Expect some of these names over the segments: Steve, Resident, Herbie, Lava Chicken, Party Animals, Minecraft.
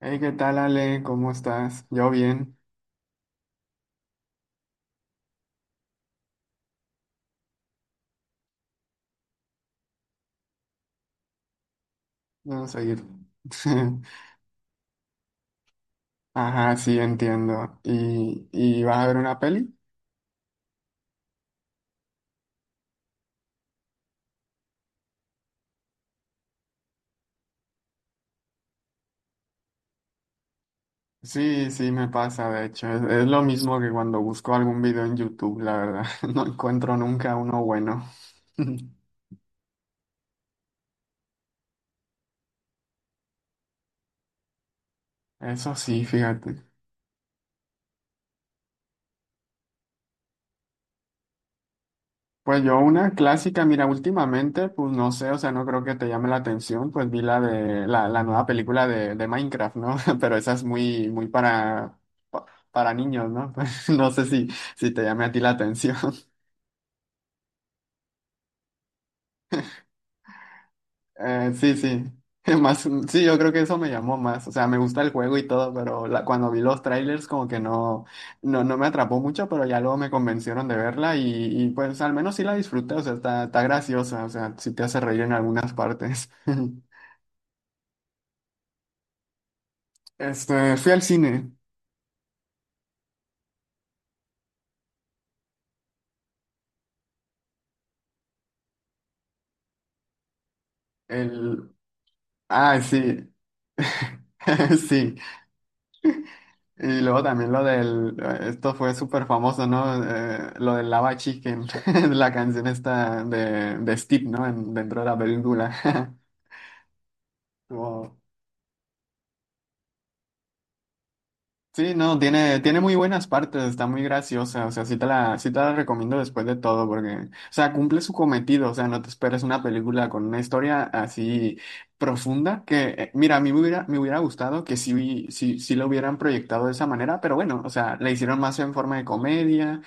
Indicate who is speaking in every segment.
Speaker 1: Hey, ¿qué tal, Ale? ¿Cómo estás? Yo bien. Vamos a ir. Ajá, sí, entiendo. ¿Y vas a ver una peli? Sí, sí, me pasa, de hecho. Es lo mismo que cuando busco algún video en YouTube, la verdad. No encuentro nunca uno bueno. Eso sí, fíjate. Pues yo una clásica, mira, últimamente, pues no sé, o sea, no creo que te llame la atención, pues vi la de la nueva película de Minecraft, ¿no? Pero esa es muy, muy para, pa- para niños, ¿no? No sé si te llame a ti la atención. Sí, sí. Más, sí, yo creo que eso me llamó más. O sea, me gusta el juego y todo, pero cuando vi los trailers como que no, no me atrapó mucho, pero ya luego me convencieron de verla y pues al menos sí la disfruté. O sea, está graciosa. O sea, sí te hace reír en algunas partes. Este, fui al cine. El... Ay, sí. Sí. Y luego también lo del... Esto fue súper famoso, ¿no? Lo del Lava Chicken. La canción esta de Steve, ¿no? Dentro de la película. Wow. Sí, no, tiene muy buenas partes, está muy graciosa, o sea, sí te la recomiendo después de todo, porque, o sea, cumple su cometido, o sea, no te esperes una película con una historia así profunda, que, mira, a mí me hubiera gustado que sí, sí, sí lo hubieran proyectado de esa manera, pero bueno, o sea, la hicieron más en forma de comedia,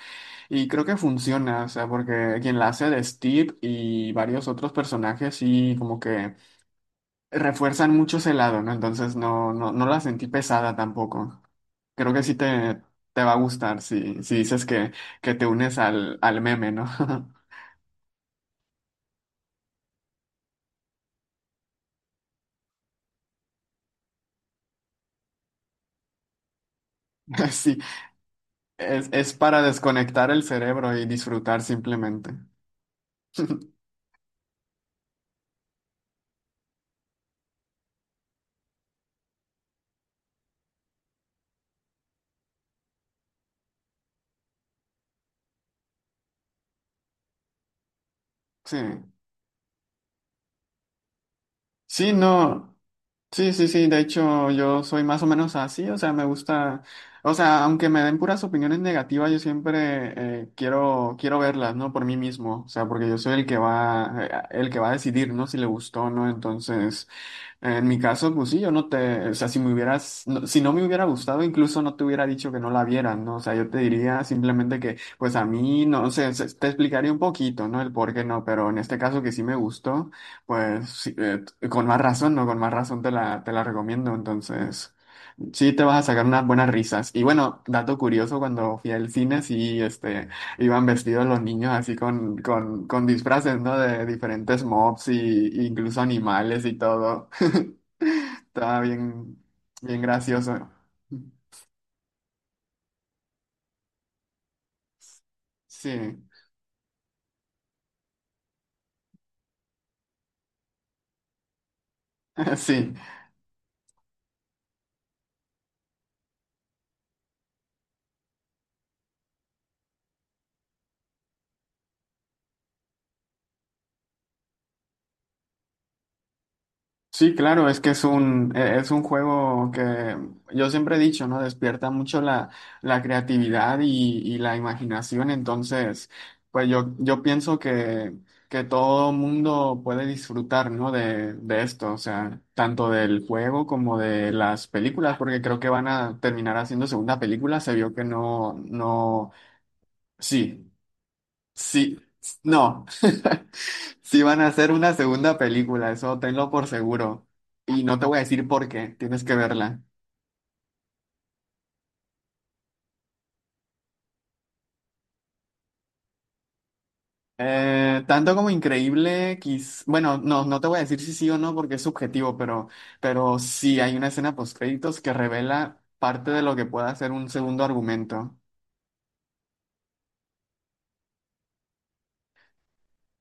Speaker 1: y creo que funciona, o sea, porque quien la hace de Steve y varios otros personajes, sí, como que refuerzan mucho ese lado, ¿no? Entonces no, no, no la sentí pesada tampoco. Creo que sí te va a gustar si, si dices que te unes al, al meme, ¿no? Sí, es para desconectar el cerebro y disfrutar simplemente. Sí, sí, no, sí, sí, sí, de hecho yo soy más o menos así, o sea, me gusta, o sea, aunque me den puras opiniones negativas, yo siempre quiero, quiero verlas, ¿no? Por mí mismo, o sea, porque yo soy el que va a decidir, ¿no? Si le gustó o no, entonces... En mi caso, pues sí, yo no te, o sea, si me hubieras, si no me hubiera gustado, incluso no te hubiera dicho que no la vieran, ¿no? O sea, yo te diría simplemente que, pues a mí, no sé, te explicaría un poquito, ¿no? El por qué no, pero en este caso que sí me gustó, pues sí, con más razón, ¿no? Con más razón te la recomiendo, entonces, sí te vas a sacar unas buenas risas. Y bueno, dato curioso, cuando fui al cine, sí, este, iban vestidos los niños así con disfraces, ¿no? De diferentes mobs y incluso animales y todo. Estaba bien, bien gracioso. Sí, sí, sí, claro, es que es un, es un juego que yo siempre he dicho, ¿no? Despierta mucho la creatividad y la imaginación, entonces, yo pienso que todo mundo puede disfrutar, ¿no? De esto, o sea, tanto del juego como de las películas, porque creo que van a terminar haciendo segunda película, se vio que no, no, sí, sí, no. Sí van a hacer una segunda película, eso tenlo por seguro. Y no te voy a decir por qué, tienes que verla. Tanto como increíble, quiz... bueno, no, no te voy a decir si sí o no porque es subjetivo, pero sí hay una escena post créditos que revela parte de lo que pueda ser un segundo argumento.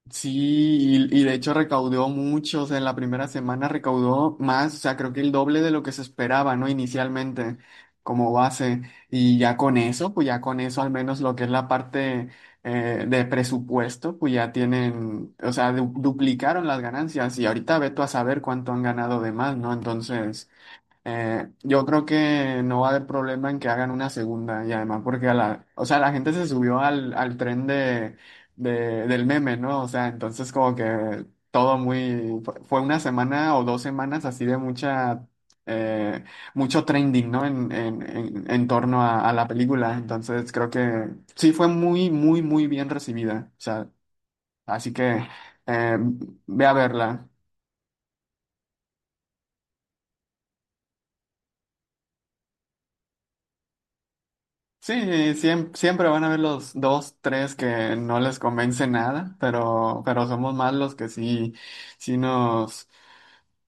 Speaker 1: Sí, y de hecho recaudó mucho, o sea, en la primera semana recaudó más, o sea, creo que el doble de lo que se esperaba, ¿no? Inicialmente, como base. Y ya con eso, pues ya con eso, al menos lo que es la parte de presupuesto, pues ya tienen, o sea, duplicaron las ganancias y ahorita ve tú a saber cuánto han ganado de más, ¿no? Entonces... yo creo que no va a haber problema en que hagan una segunda y además porque a la, o sea, la gente se subió al, al tren de, del meme, ¿no? O sea, entonces como que todo muy, fue una semana o dos semanas así de mucha, eh, mucho trending, ¿no? En torno a la película. Entonces creo que sí fue muy, muy, muy bien recibida. O sea, así que eh, ve a verla. Sí, siempre, van a haber los dos, tres que no les convence nada, pero somos más los que sí, sí nos,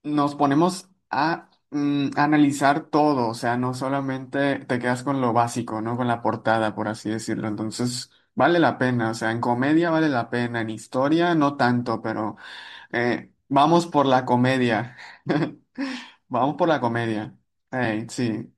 Speaker 1: nos ponemos a analizar todo, o sea, no solamente te quedas con lo básico, ¿no? Con la portada, por así decirlo. Entonces, vale la pena, o sea, en comedia vale la pena, en historia no tanto, pero vamos por la comedia. Vamos por la comedia. Ey, sí.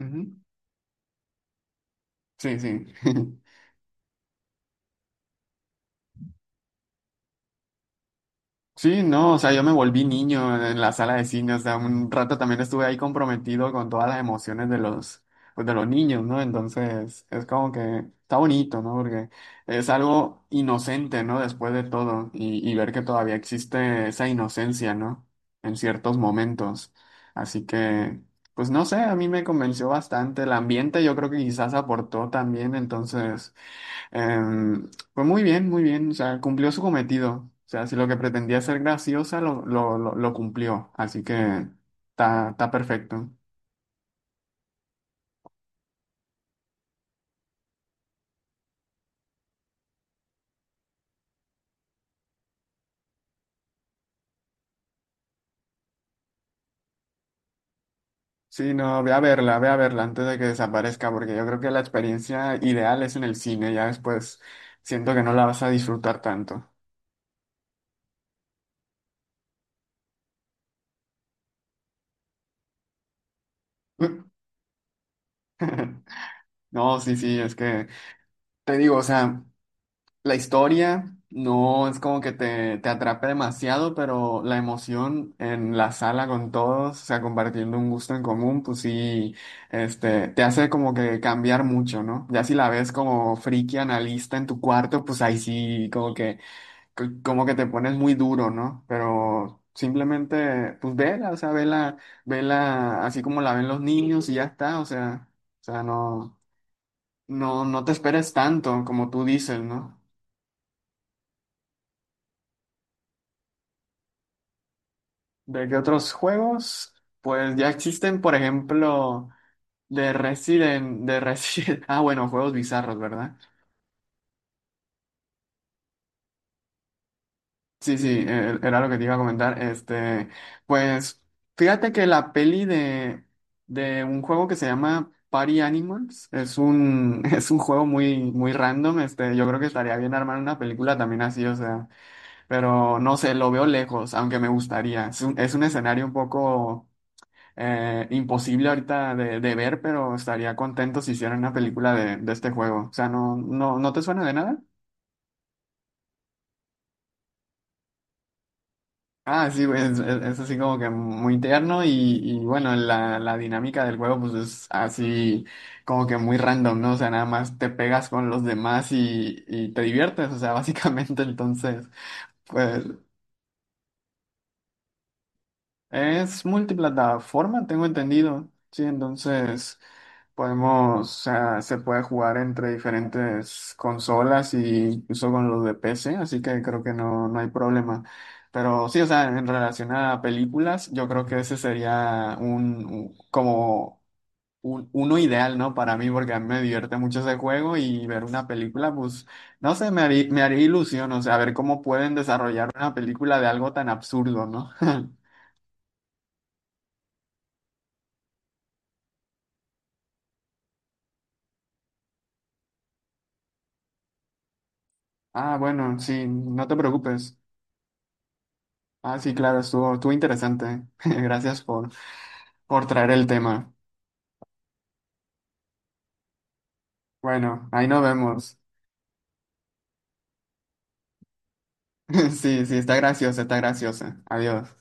Speaker 1: Ujú. Sí, sí. Sí, no, o sea, yo me volví niño en la sala de cine, o sea, un rato también estuve ahí comprometido con todas las emociones de los, pues, de los niños, ¿no? Entonces, es como que está bonito, ¿no? Porque es algo inocente, ¿no? Después de todo, y ver que todavía existe esa inocencia, ¿no? En ciertos momentos. Así que, pues no sé, a mí me convenció bastante el ambiente, yo creo que quizás aportó también, entonces... pues muy bien, o sea, cumplió su cometido. O sea, si lo que pretendía ser graciosa lo cumplió, así que está, está perfecto. Sí, no, ve a verla antes de que desaparezca, porque yo creo que la experiencia ideal es en el cine, ya después siento que no la vas a disfrutar tanto. No, sí, sí, es que te digo, o sea. La historia no es como que te atrape demasiado, pero la emoción en la sala con todos, o sea, compartiendo un gusto en común, pues sí, este, te hace como que cambiar mucho, ¿no? Ya si la ves como friki analista en tu cuarto, pues ahí sí, como que, como que te pones muy duro, ¿no? Pero simplemente, pues vela, o sea, vela, vela así como la ven los niños y ya está, o sea, no, no, no te esperes tanto, como tú dices, ¿no? ¿De qué otros juegos? Pues ya existen, por ejemplo, de Resident. Ah, bueno, juegos bizarros, ¿verdad? Sí, sí, era lo que te iba a comentar. Este, pues, fíjate que la peli de un juego que se llama Party Animals es un, es un juego muy, muy random. Este, yo creo que estaría bien armar una película también así, o sea, pero no sé, lo veo lejos, aunque me gustaría. Es un escenario un poco imposible ahorita de ver, pero estaría contento si hicieran una película de este juego. O sea, ¿no, no, no te suena de nada? Ah, sí, güey, es, es así como que muy tierno y bueno, la dinámica del juego pues es así como que muy random, ¿no? O sea, nada más te pegas con los demás y te diviertes, o sea, básicamente entonces, pues es multiplataforma, tengo entendido, sí, entonces... Podemos, o sea, se puede jugar entre diferentes consolas y incluso con los de PC, así que creo que no, no hay problema. Pero sí, o sea, en relación a películas, yo creo que ese sería un, como un, uno ideal, ¿no? Para mí, porque a mí me divierte mucho ese juego y ver una película, pues, no sé, me haría ilusión, o sea, ver cómo pueden desarrollar una película de algo tan absurdo, ¿no? Ah, bueno, sí, no te preocupes. Ah, sí, claro, estuvo, estuvo interesante. Gracias por traer el tema. Bueno, ahí nos vemos. Sí, sí, está graciosa, está graciosa. Adiós.